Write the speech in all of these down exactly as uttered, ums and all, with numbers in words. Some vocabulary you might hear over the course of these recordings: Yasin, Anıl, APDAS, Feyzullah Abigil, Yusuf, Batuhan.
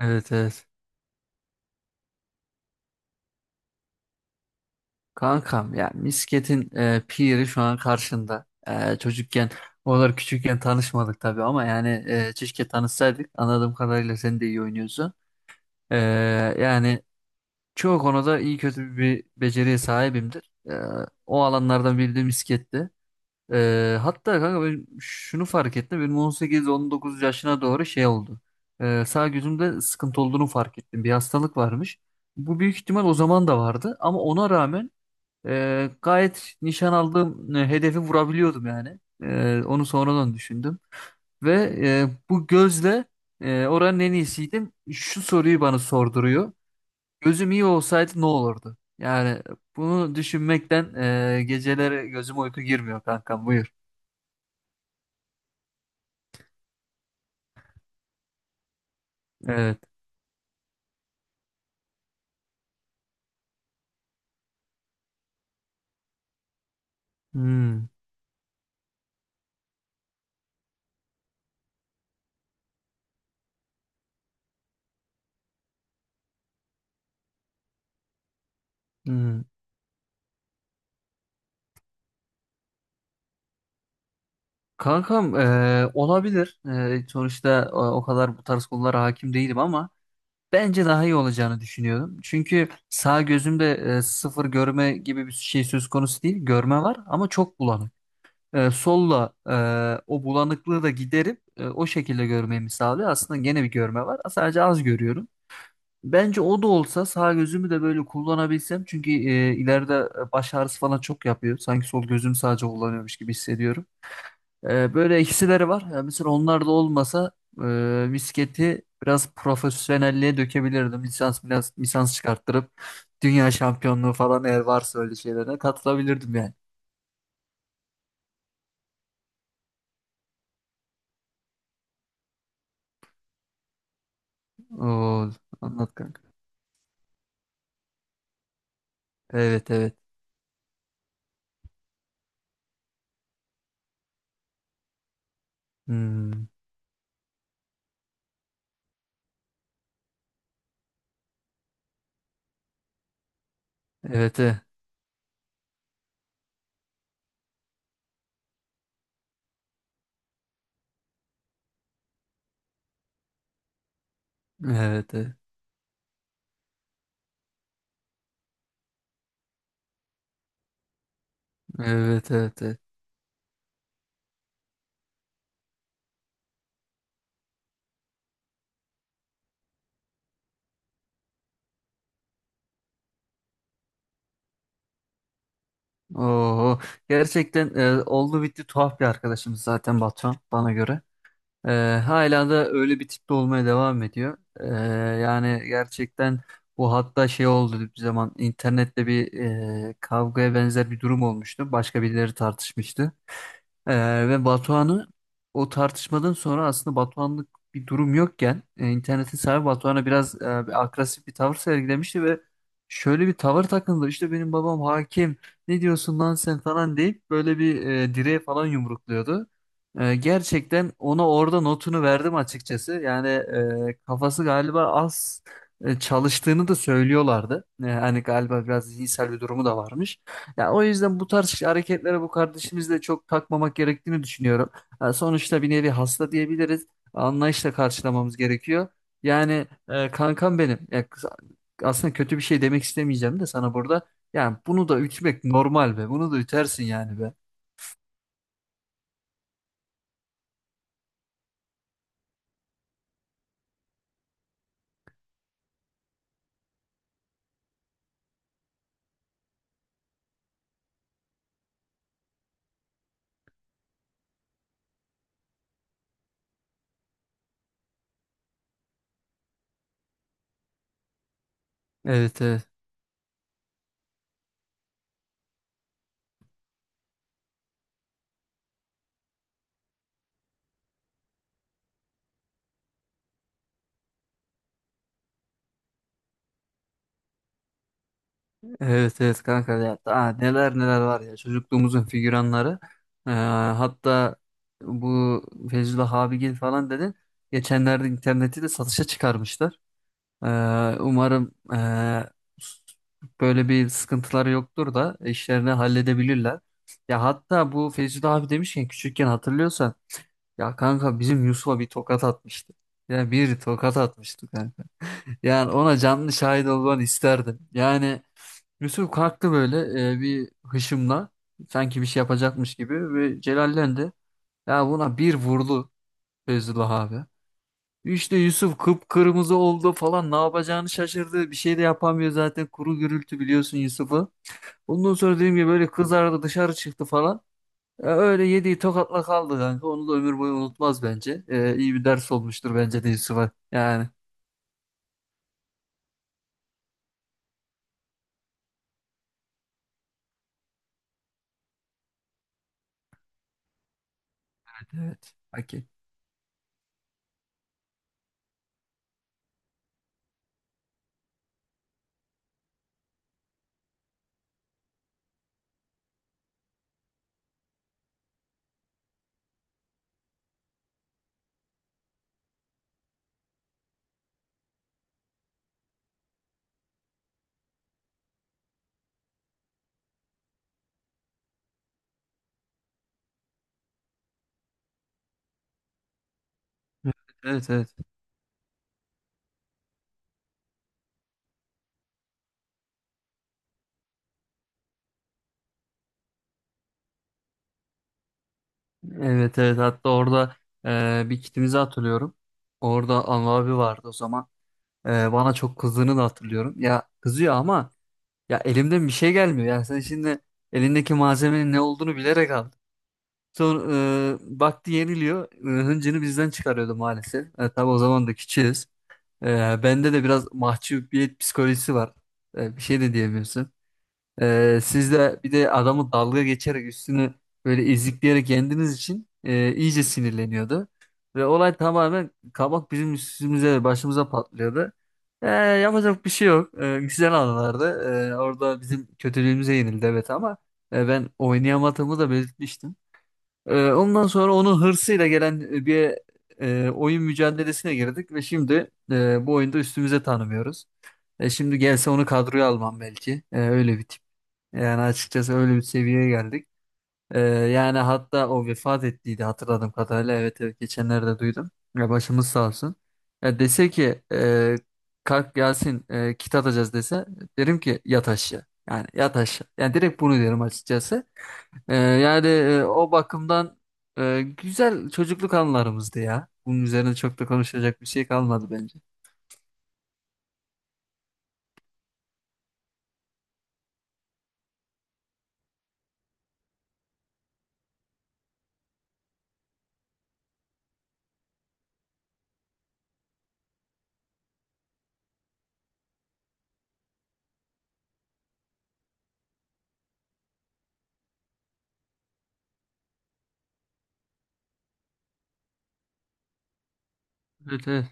Evet, evet. Kankam ya misketin e, piri şu an karşında. E, çocukken oralar küçükken tanışmadık tabii ama yani e, keşke tanışsaydık. Anladığım kadarıyla sen de iyi oynuyorsun. E, yani çoğu konuda iyi kötü bir beceriye sahibimdir. E, o alanlardan biri de misketti. E, hatta kanka ben şunu fark ettim. Benim on sekiz on dokuz yaşına doğru şey oldu. E, sağ gözümde sıkıntı olduğunu fark ettim. Bir hastalık varmış. Bu büyük ihtimal o zaman da vardı ama ona rağmen Ee, gayet nişan aldığım e, hedefi vurabiliyordum yani. Ee, onu sonradan düşündüm. Ve e, Bu gözle e, oranın en iyisiydim. Şu soruyu bana sorduruyor. Gözüm iyi olsaydı ne olurdu? Yani bunu düşünmekten e, geceleri gözüm uyku girmiyor kankam, buyur. Evet. Hmm, hmm. Kankam, e, olabilir. E, sonuçta e, o kadar bu tarz konulara hakim değilim ama bence daha iyi olacağını düşünüyorum. Çünkü sağ gözümde e, sıfır görme gibi bir şey söz konusu değil. Görme var ama çok bulanık. E, solla e, O bulanıklığı da giderip e, o şekilde görmemi sağlıyor. Aslında gene bir görme var. Sadece az görüyorum. Bence o da olsa sağ gözümü de böyle kullanabilsem çünkü e, ileride e, baş ağrısı falan çok yapıyor. Sanki sol gözümü sadece kullanıyormuş gibi hissediyorum. Ee, böyle eksileri var. Yani mesela onlar da olmasa e, bisikleti biraz profesyonelliğe dökebilirdim. Lisans biraz lisans çıkarttırıp dünya şampiyonluğu falan eğer varsa öyle şeylere katılabilirdim yani. Oo, anlat kanka. Evet, evet. Hmm. Evet, evet. Evet, evet. Evet, evet. Evet. Oo, gerçekten e, oldu bitti tuhaf bir arkadaşımız zaten Batuhan bana göre. Ee, Hala da öyle bir tipte olmaya devam ediyor. Ee, yani gerçekten bu, hatta şey oldu, bir zaman internette bir e, kavgaya benzer bir durum olmuştu. Başka birileri tartışmıştı. Ee, ve Batuhan'ı o tartışmadan sonra, aslında Batuhan'lık bir durum yokken, e, internetin sahibi Batuhan'a biraz e, bir agresif bir tavır sergilemişti ve şöyle bir tavır takındı. İşte benim babam hakim, ne diyorsun lan sen falan deyip böyle bir e, direğe falan yumrukluyordu. E, gerçekten ona orada notunu verdim açıkçası. Yani e, kafası galiba az e, çalıştığını da söylüyorlardı. E, hani galiba biraz zihinsel bir durumu da varmış. Ya, o yüzden bu tarz hareketlere, bu kardeşimizle çok takmamak gerektiğini düşünüyorum. Ha, sonuçta bir nevi hasta diyebiliriz. Anlayışla karşılamamız gerekiyor. Yani e, kankam benim. Ya, kız- aslında kötü bir şey demek istemeyeceğim de sana burada. Yani bunu da ütmek normal be. Bunu da ütersin yani be. Evet, evet. Evet, evet kanka ya. Aa, neler neler var ya, çocukluğumuzun figüranları. Ee, Hatta bu Feyzullah Abigil falan dedin. Geçenlerde interneti de satışa çıkarmışlar. Ee, umarım ee, böyle bir sıkıntıları yoktur da işlerini halledebilirler. Ya hatta bu Feyzi abi demişken, küçükken hatırlıyorsan, ya kanka bizim Yusuf'a bir tokat atmıştı. Ya bir tokat atmıştı kanka. Yani ona canlı şahit olmanı isterdim. Yani Yusuf kalktı böyle e, bir hışımla sanki bir şey yapacakmış gibi ve celallendi. Ya buna bir vurdu Feyzullah abi. İşte Yusuf kıpkırmızı oldu falan, ne yapacağını şaşırdı. Bir şey de yapamıyor zaten, kuru gürültü biliyorsun Yusuf'u. Ondan sonra dediğim gibi böyle kızardı, dışarı çıktı falan. E, öyle yediği tokatla kaldı kanka. Onu da ömür boyu unutmaz bence. E, iyi bir ders olmuştur bence de Yusuf'a. Yani evet. Okey. Evet, evet. Evet evet, hatta orada e, bir kitimizi hatırlıyorum. Orada Anıl abi vardı o zaman. E, bana çok kızdığını da hatırlıyorum. Ya kızıyor ama ya elimden bir şey gelmiyor. Yani sen şimdi elindeki malzemenin ne olduğunu bilerek aldın. Sonra e, baktı yeniliyor. E, hıncını bizden çıkarıyordu maalesef. E, tabii o zaman da küçüğüz. E, Bende de biraz mahcubiyet psikolojisi var. E, bir şey de diyemiyorsun. Ee, siz de bir de adamı dalga geçerek üstünü böyle ezikleyerek yendiğiniz için e, iyice sinirleniyordu. Ve olay tamamen kabak bizim üstümüze ve başımıza patlıyordu. Ee, yapacak bir şey yok. Ee, güzel anılardı. Ee, orada bizim kötülüğümüze yenildi, evet, ama e, ben oynayamadığımı da belirtmiştim. Ee, ondan sonra onun hırsıyla gelen bir e, oyun mücadelesine girdik ve şimdi e, bu oyunda üstümüze tanımıyoruz. E, şimdi gelse onu kadroya almam belki. E, öyle bir tip. Yani açıkçası öyle bir seviyeye geldik. Ee, yani hatta o vefat ettiydi hatırladığım kadarıyla. Evet evet, geçenlerde duydum. Ya başımız sağ olsun. Ya dese ki e, kalk Yasin, e, kit atacağız dese, derim ki yat aşağı. Yani yat aşağı. Yani direkt bunu derim açıkçası. Ee, yani e, o bakımdan e, güzel çocukluk anılarımızdı ya. Bunun üzerine çok da konuşacak bir şey kalmadı bence. Evet, evet.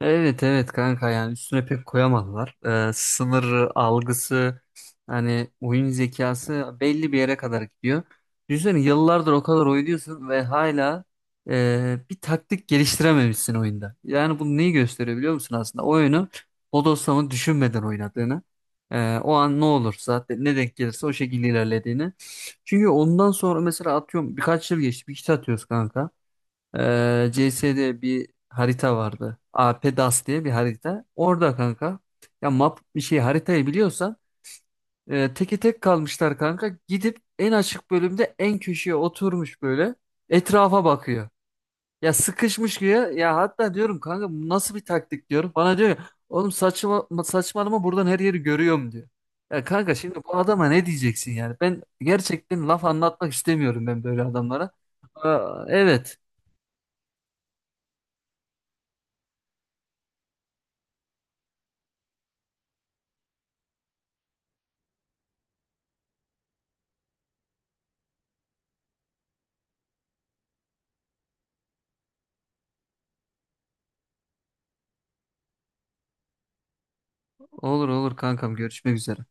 Evet evet kanka, yani üstüne pek koyamadılar. Ee, sınır algısı, hani oyun zekası belli bir yere kadar gidiyor. Düşünsene, yıllardır o kadar oynuyorsun ve hala e, bir taktik geliştirememişsin oyunda. Yani bunu neyi gösteriyor biliyor musun aslında? O oyunu bodoslama düşünmeden oynadığını. E, o an ne olur zaten, ne denk gelirse o şekilde ilerlediğini. Çünkü ondan sonra mesela atıyorum birkaç yıl geçti, bir kitap atıyoruz kanka. Ee, C S'de bir harita vardı. APDAS diye bir harita. Orada kanka, ya map bir şey, haritayı biliyorsan e, teke tek kalmışlar kanka. Gidip en açık bölümde en köşeye oturmuş böyle etrafa bakıyor. Ya sıkışmış diyor. Ya hatta diyorum kanka, bu nasıl bir taktik diyorum. Bana diyor ya, oğlum saçma, saçmalama, buradan her yeri görüyorum diyor. Ya kanka şimdi bu adama ne diyeceksin yani? Ben gerçekten laf anlatmak istemiyorum ben böyle adamlara. Aa, evet. Olur olur kankam, görüşmek üzere.